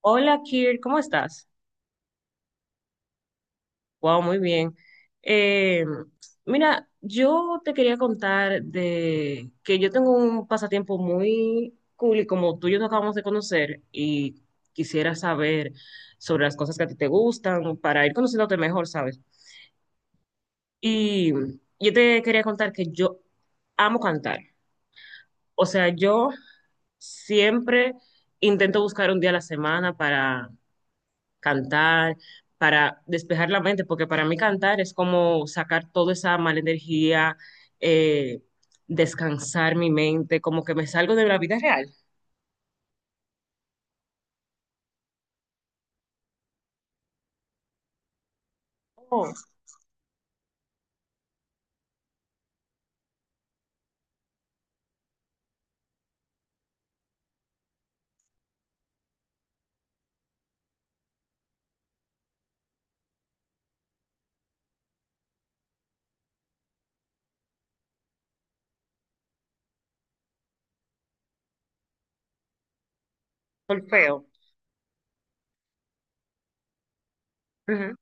Hola, Kir, ¿cómo estás? Wow, muy bien. Eh, mira, yo te quería contar de que yo tengo un pasatiempo muy cool y como tú y yo nos acabamos de conocer y quisiera saber sobre las cosas que a ti te gustan para ir conociéndote mejor, ¿sabes? Y yo te quería contar que yo amo cantar. O sea, yo siempre intento buscar un día a la semana para cantar, para despejar la mente, porque para mí cantar es como sacar toda esa mala energía, eh, descansar mi mente, como que me salgo de la vida real. Oh, solfeo. Ujú.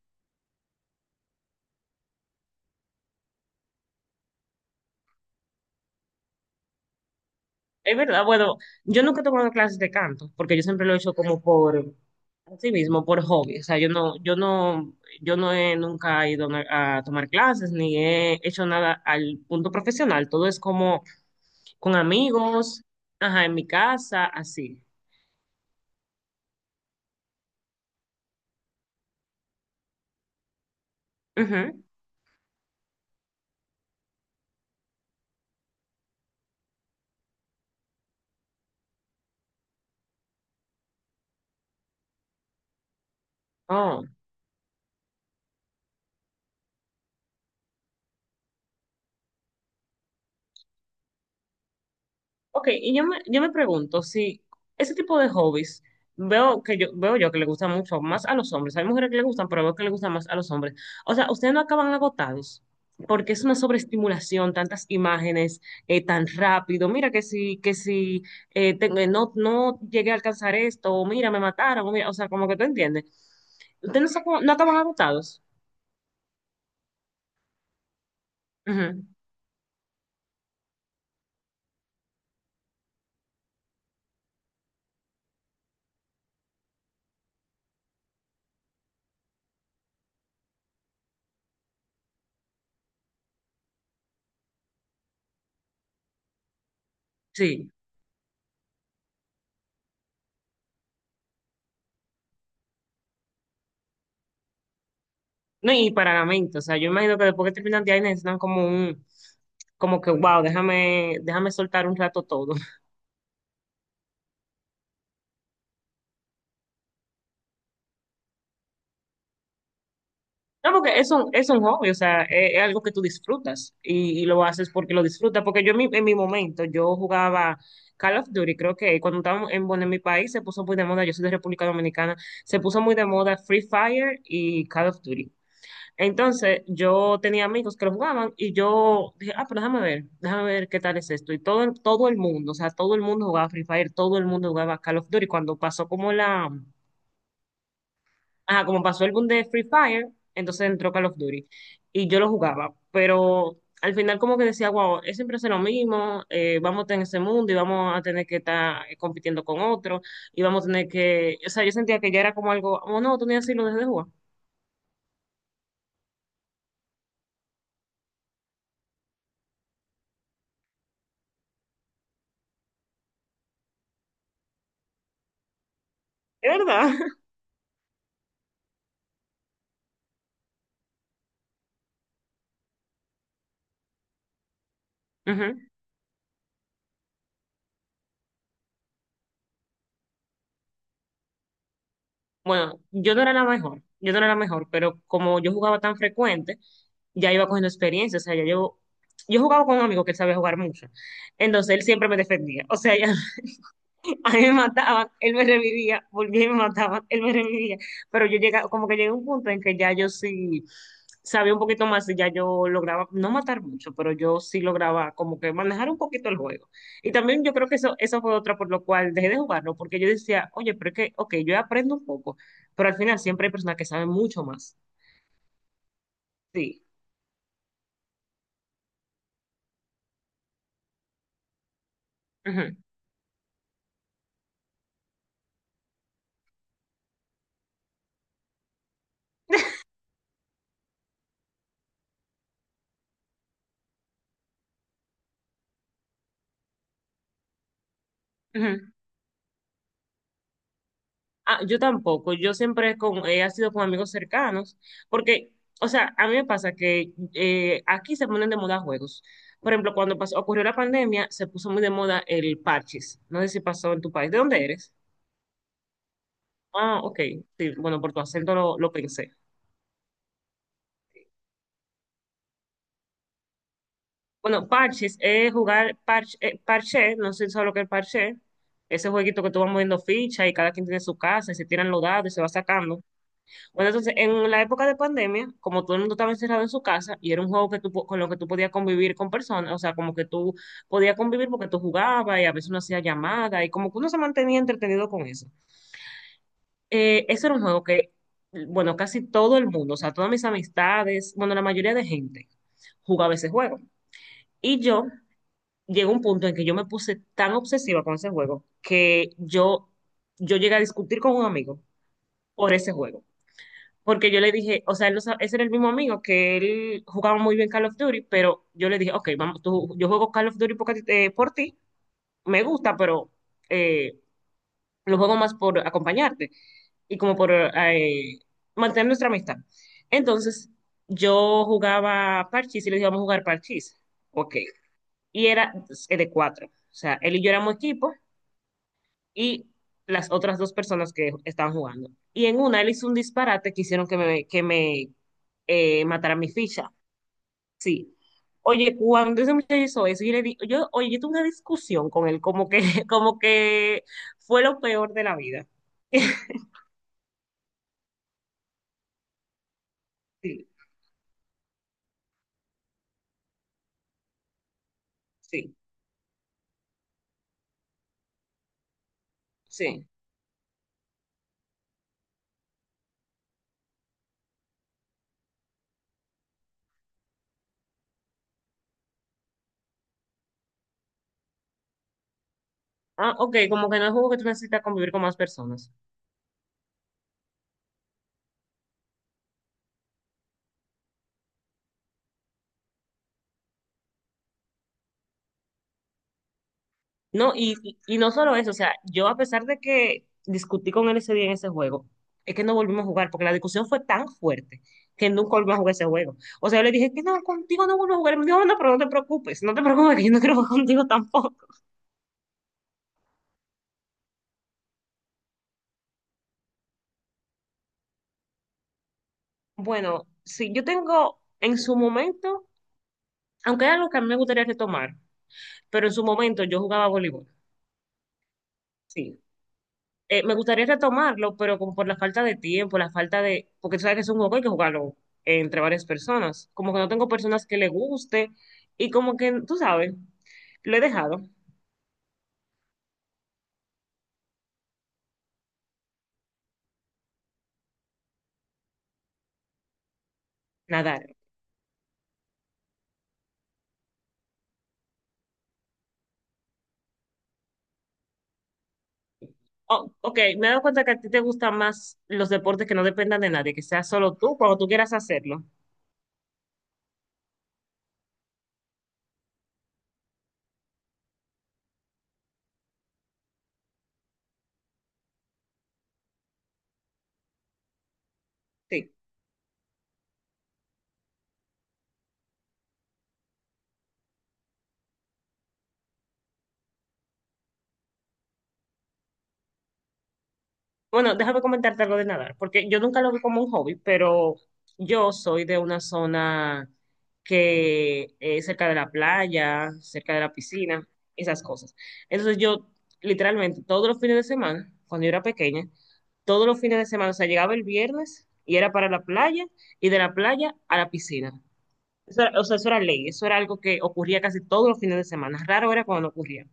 Es verdad, bueno, yo nunca he tomado clases de canto, porque yo siempre lo he hecho como por sí mismo, por hobby. O sea, yo no he nunca ido a a tomar clases, ni he hecho nada al punto profesional. Todo es como con amigos, ajá, en mi casa, así. Oh, ok, y yo me pregunto si ese tipo de hobbies, veo yo que le gusta mucho más a los hombres, hay mujeres que le gustan, pero veo que le gustan más a los hombres. O sea, ustedes no acaban agotados, porque es una sobreestimulación, tantas imágenes, tan rápido, mira que si no llegué a alcanzar esto, o mira, me mataron, o mira, o sea, como que tú entiendes. Ustedes no, no acaban agotados. Ujú. Sí. No, y para la mente, o sea, yo imagino que después que terminan de ahí necesitan como un, como que, wow, déjame soltar un rato todo. No, porque es un hobby, o sea, es algo que tú disfrutas y lo haces porque lo disfrutas, porque yo en mi momento, yo jugaba Call of Duty, creo que cuando estábamos en, bueno, en mi país se puso muy de moda, yo soy de República Dominicana, se puso muy de moda Free Fire y Call of Duty. Entonces, yo tenía amigos que lo jugaban y yo dije, ah, pero déjame ver qué tal es esto. Y todo, todo el mundo, o sea, todo el mundo jugaba Free Fire, todo el mundo jugaba Call of Duty. Cuando pasó como la, ah, como pasó el boom de Free Fire, entonces entró Call of Duty y yo lo jugaba. Pero al final como que decía, wow, es siempre hacer lo mismo, vamos a estar en ese mundo y vamos a tener que estar compitiendo con otro y vamos a tener que, o sea, yo sentía que ya era como algo oh, no tenía así lo dejé de jugar. Es verdad. Bueno, yo no era la mejor, yo no era la mejor, pero como yo jugaba tan frecuente, ya iba cogiendo experiencia, o sea, yo jugaba con un amigo que él sabía jugar mucho, entonces él siempre me defendía, o sea, A mí me mataban, él me revivía, volvía y me mataban, él me revivía. Pero yo llegaba, como que llegué a un punto en que ya yo sí sabía un poquito más y ya yo lograba, no matar mucho, pero yo sí lograba como que manejar un poquito el juego. Y también yo creo que eso fue otra por lo cual dejé de jugarlo, porque yo decía, oye, pero es que, ok, yo aprendo un poco, pero al final siempre hay personas que saben mucho más. Sí. Ujú, ujú. Ah, yo tampoco, he sido con amigos cercanos, porque, o sea, a mí me pasa que aquí se ponen de moda juegos. Por ejemplo, cuando pasó, ocurrió la pandemia, se puso muy de moda el parches. No sé si pasó en tu país. ¿De dónde eres? Ah, ok. Sí, bueno, por tu acento lo pensé. Bueno, parches es jugar parche, parche, no sé si sabes lo que es parche. Ese jueguito que tú vas moviendo ficha y cada quien tiene su casa y se tiran los dados y se va sacando. Bueno, entonces, en la época de pandemia, como todo el mundo estaba encerrado en su casa y era un juego que tú, con lo que tú podías convivir con personas, o sea, como que tú podías convivir porque tú jugabas y a veces uno hacía llamada y como que uno se mantenía entretenido con eso. Ese era un juego que, bueno, casi todo el mundo, o sea, todas mis amistades, bueno, la mayoría de gente jugaba ese juego. Y yo llegó un punto en que yo me puse tan obsesiva con ese juego que yo llegué a discutir con un amigo por ese juego. Porque yo le dije, o sea, él no sa- ese era el mismo amigo que él jugaba muy bien Call of Duty, pero yo le dije, ok, vamos, yo juego Call of Duty porque, por ti, me gusta, pero eh, lo juego más por acompañarte y como por mantener nuestra amistad. Entonces, yo jugaba parchís y le dije, vamos a jugar parchís. Ok. Y era de cuatro. O sea, él y yo éramos equipo y las otras dos personas que estaban jugando. Y en una él hizo un disparate que hicieron que que me matara mi ficha. Sí. Oye, cuando ese muchacho hizo eso, yo le di, yo, oye, yo tuve una discusión con él, como que, como que fue lo peor de la vida. Sí, sí, sí. Ah, ok, como que no es juego que tú necesitas convivir con más personas. No, y no solo eso, o sea, yo a pesar de que discutí con él ese día en ese juego, es que no volvimos a jugar, porque la discusión fue tan fuerte que nunca volvimos a jugar ese juego. O sea, yo le dije que no, contigo no vuelvo a jugar. Y me dijo, no, no, pero no te preocupes, no te preocupes, que yo no quiero jugar contigo tampoco. Bueno, sí, yo tengo en su momento, aunque es algo que a mí me gustaría retomar, pero en su momento yo jugaba voleibol, sí. Me gustaría retomarlo, pero como por la falta de tiempo, la falta de, porque tú sabes que es un juego que hay que jugarlo entre varias personas. Como que no tengo personas que le guste y como que, tú sabes, lo he dejado nadar. Oh, ok, me he dado cuenta que a ti te gustan más los deportes que no dependan de nadie, que sea solo tú cuando tú quieras hacerlo. Sí. Bueno, déjame comentarte algo de nadar, porque yo nunca lo vi como un hobby, pero yo soy de una zona que es cerca de la playa, cerca de la piscina, esas cosas. Entonces yo, literalmente, todos los fines de semana, cuando yo era pequeña, todos los fines de semana, o sea, llegaba el viernes y era para la playa y de la playa a la piscina. O sea, eso era ley, eso era algo que ocurría casi todos los fines de semana. Raro era cuando no ocurría.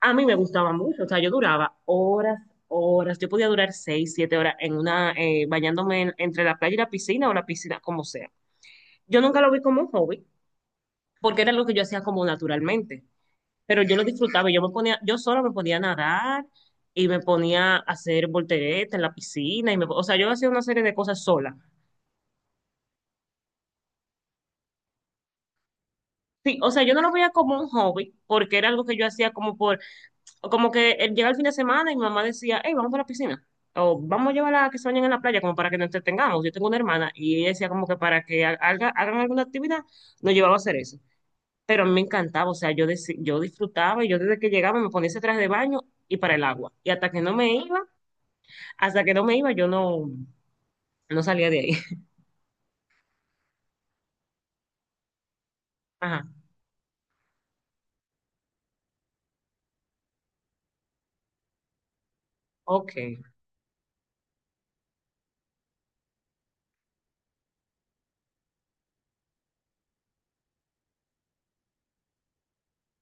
A mí me gustaba mucho, o sea, yo duraba horas, horas, yo podía durar 6, 7 horas bañándome entre la playa y la piscina o la piscina, como sea. Yo nunca lo vi como un hobby, porque era lo que yo hacía como naturalmente, pero yo lo disfrutaba, y yo solo me ponía a nadar y me ponía a hacer volteretas en la piscina, o sea, yo hacía una serie de cosas sola. Sí, o sea, yo no lo veía como un hobby, porque era algo que yo hacía como por como que él llega el fin de semana y mi mamá decía, hey, vamos a la piscina. O vamos a llevarla a que se bañen en la playa, como para que nos entretengamos. Yo tengo una hermana y ella decía como que para que hagan alguna actividad, nos llevaba a hacer eso. Pero a mí me encantaba, o sea, yo disfrutaba y yo desde que llegaba me ponía ese traje de baño y para el agua. Y hasta que no me iba, hasta que no me iba, yo no salía de ahí. Ajá, ok.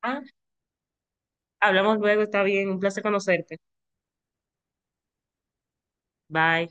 Ah, hablamos luego, está bien, un placer conocerte. Bye.